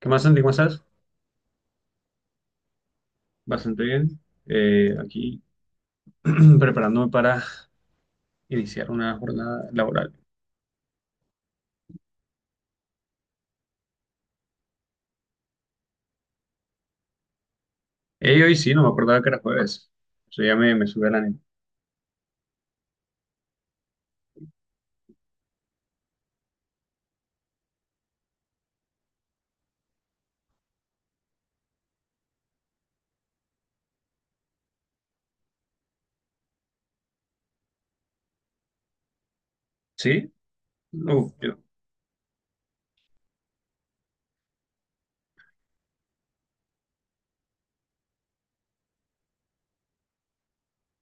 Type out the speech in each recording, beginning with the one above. ¿Qué más, Santi? ¿Cómo estás? Bastante bien. Aquí preparándome para iniciar una jornada laboral. Hoy sí, no me acordaba que era jueves. Eso ya me sube el ánimo. ¿Sí? Uf, yo,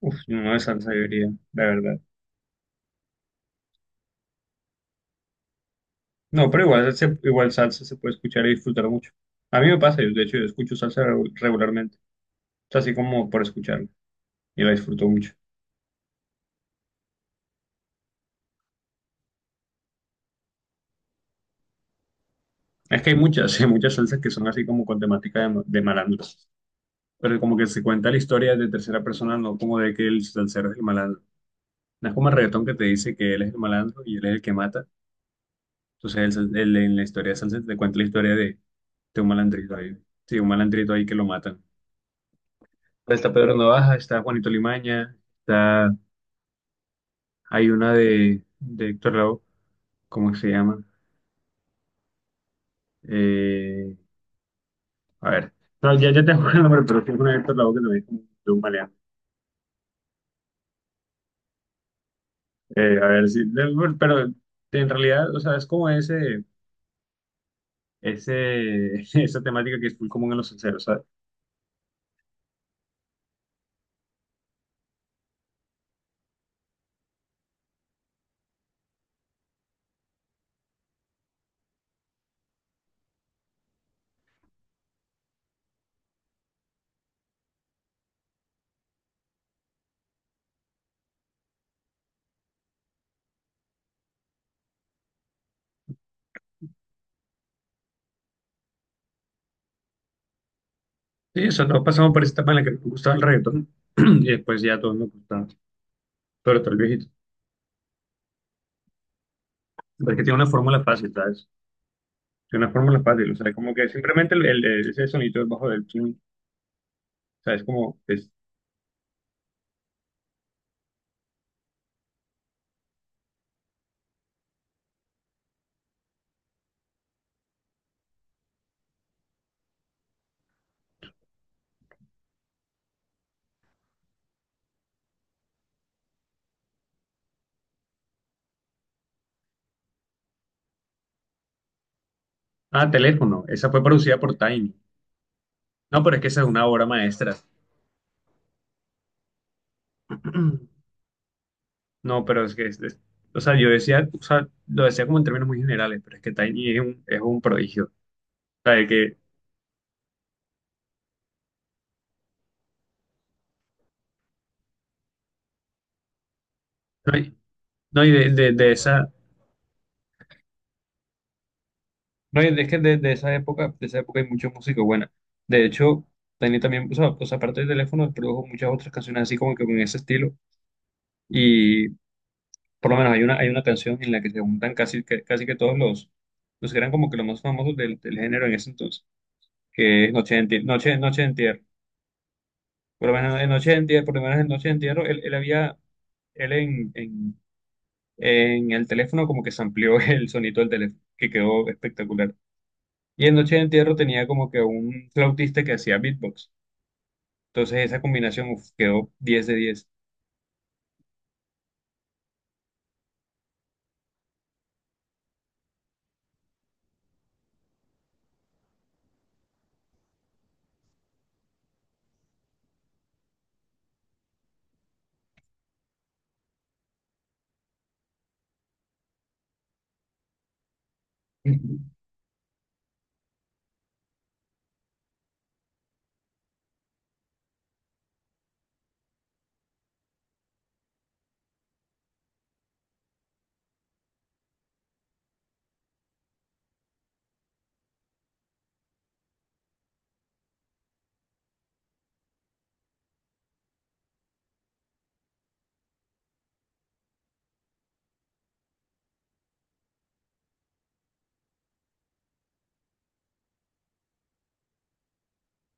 uf, yo no de salsa yo diría, la verdad. No, pero igual, igual salsa se puede escuchar y disfrutar mucho. A mí me pasa, yo, de hecho, yo escucho salsa regularmente. O sea, así como por escucharla. Y la disfruto mucho. Es que hay muchas, hay muchas salsas que son así como con temática de malandro. Pero como que se cuenta la historia de tercera persona, no como de que el salsero es el malandro. No es como el reggaetón que te dice que él es el malandro y él es el que mata. Entonces en la historia de salsa te cuenta la historia de un malandrito ahí. Sí, un malandrito ahí que lo matan. Está Pedro Navaja, está Juanito Limaña, está, hay una de Héctor Lavoe, ¿cómo se llama? Eh, a ver, no, ya, ya tengo el nombre, pero tiene una de Héctor Lavoe que también es como de un maleante. A ver, sí, pero en realidad, o sea, es como ese, esa temática que es muy común en los salseros, ¿sabes? Sí, eso, todos pasamos por esa etapa en la que nos gustaba el reggaetón y después ya todo nos gustaba, sobre todo el viejito. Pero es que tiene una fórmula fácil, ¿sabes? Tiene una fórmula fácil, o sea, como que simplemente ese sonido del bajo del chin, o sea, es como, es, ah, teléfono, esa fue producida por Tiny. No, pero es que esa es una obra maestra. No, pero es que, o sea, yo decía, o sea, lo decía como en términos muy generales, pero es que Tiny es es un prodigio. O sea, de que, no, y no, y de esa... No, y es que de esa época hay mucha música buena. De hecho, Tiny también, o sea, aparte del teléfono, produjo muchas otras canciones así como que con ese estilo. Y por lo menos hay una canción en la que se juntan casi que todos los que eran como que los más famosos del género en ese entonces, que es Noche de Entierro. Noche, Noche de Entierro. Por lo menos en Noche de Entierro, por lo menos en Noche de Entierro, él había, él en, en, en el teléfono como que amplió el sonido del teléfono, que quedó espectacular. Y en Noche de Entierro tenía como que un flautista que hacía beatbox. Entonces esa combinación uf, quedó 10 de 10. Sí,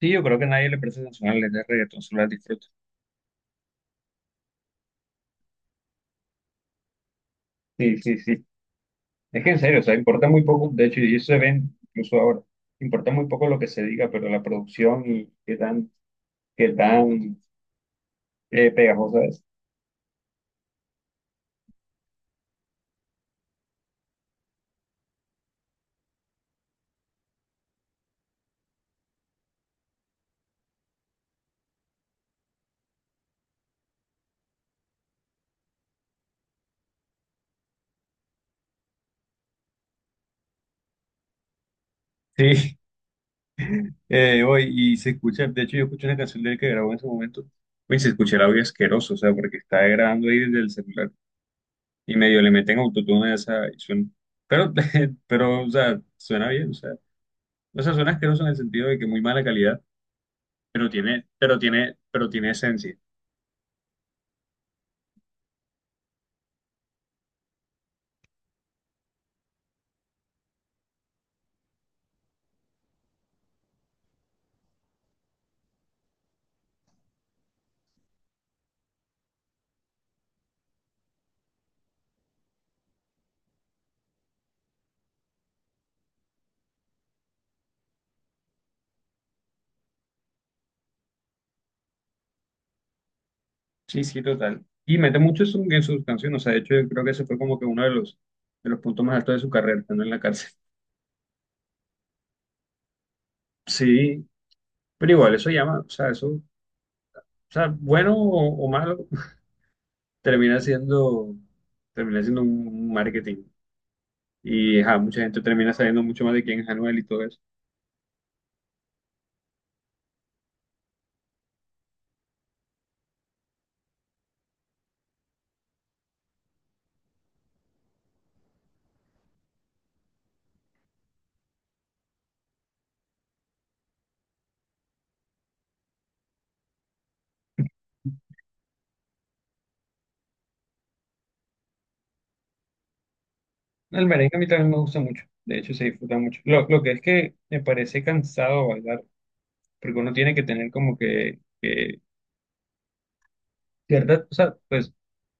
yo creo que nadie le presta atención a las letras de reggaetón, solo las disfruta. Sí, sí, sí. Es que en serio, o sea, importa muy poco, de hecho, y eso se ven incluso ahora, importa muy poco lo que se diga, pero la producción y qué tan pegajosa es. Sí, y se escucha, de hecho yo escuché una canción de él que grabó en ese momento, y se escucha el audio asqueroso, o sea, porque está grabando ahí desde el celular. Y medio le meten autotune a esa y suena. Pero, pero, o sea, suena bien, o sea, suena asqueroso en el sentido de que muy mala calidad, pero tiene, pero tiene, pero tiene esencia. Sí, sí, total. Y mete mucho eso en sus canciones, o sea, de hecho, yo creo que ese fue como que uno de los puntos más altos de su carrera, estando en la cárcel. Sí, pero igual, eso llama, o sea, eso, o sea, bueno o malo, termina siendo, termina siendo un marketing. Y, ajá, mucha gente termina sabiendo mucho más de quién es Anuel y todo eso. El merengue a mí también me gusta mucho, de hecho se disfruta mucho. Lo que es que me parece cansado bailar, porque uno tiene que tener como que cierta, o sea, pues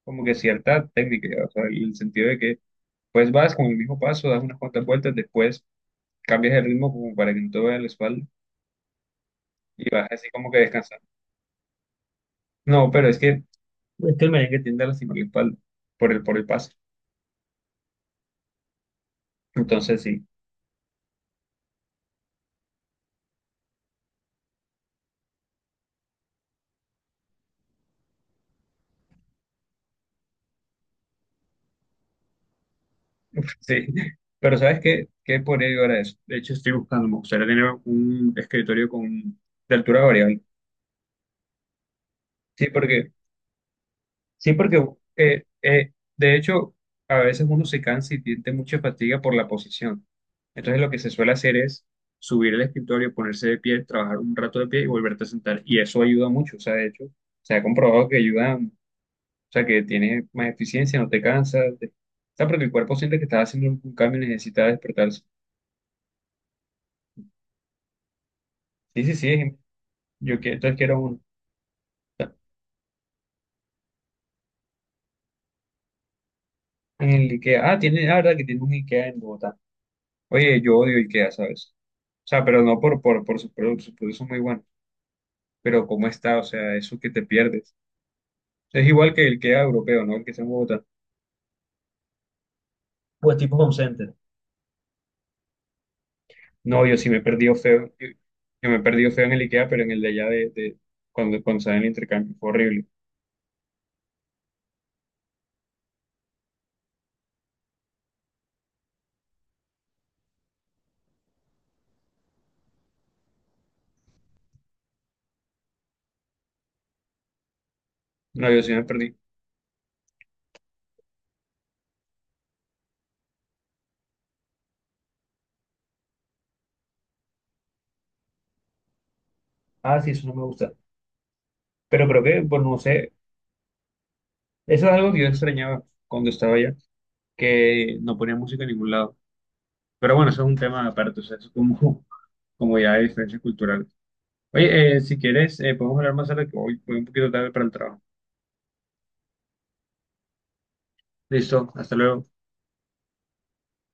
como que cierta técnica, ya, o sea, en el sentido de que pues vas con el mismo paso, das unas cuantas vueltas, después cambias el ritmo como para que no te vea la espalda y vas así como que descansando. No, pero es que el merengue tiende a lastimar la espalda por el paso, entonces sí. Sí, pero ¿sabes qué? ¿Qué podría llegar a eso? De hecho, estoy buscando, me gustaría tener un escritorio con, de altura variable. Sí, porque, sí, porque de hecho, a veces uno se cansa y siente mucha fatiga por la posición. Entonces, lo que se suele hacer es subir el escritorio, ponerse de pie, trabajar un rato de pie y volverte a sentar. Y eso ayuda mucho, o sea, de hecho, se ha comprobado que ayuda, o sea, que tienes más eficiencia, no te cansas, te- o sea, porque el cuerpo siente que estás haciendo un cambio y necesita despertarse. Sí, sí, sí, es yo que, entonces quiero uno. En el IKEA. Ah, tiene, la verdad que tiene un IKEA en Bogotá. Oye, yo odio IKEA, ¿sabes? O sea, pero no por sus productos son muy buenos. Pero cómo está, o sea, eso que te pierdes. Es igual que el IKEA europeo, ¿no? El que está en Bogotá. Pues tipo home center. No, yo sí me he perdido feo. Yo me he perdido feo en el IKEA, pero en el de allá de cuando, cuando sale el intercambio. Fue horrible. No, yo sí me perdí. Ah, sí, eso no me gusta. Pero creo que, pues no sé, eso es algo que yo extrañaba cuando estaba allá, que no ponía música en ningún lado. Pero bueno, eso es un tema aparte, o sea, eso es como, como ya hay diferencias culturales. Oye, si quieres, podemos hablar más tarde, que hoy voy un poquito tarde para el trabajo. Listo, hasta luego.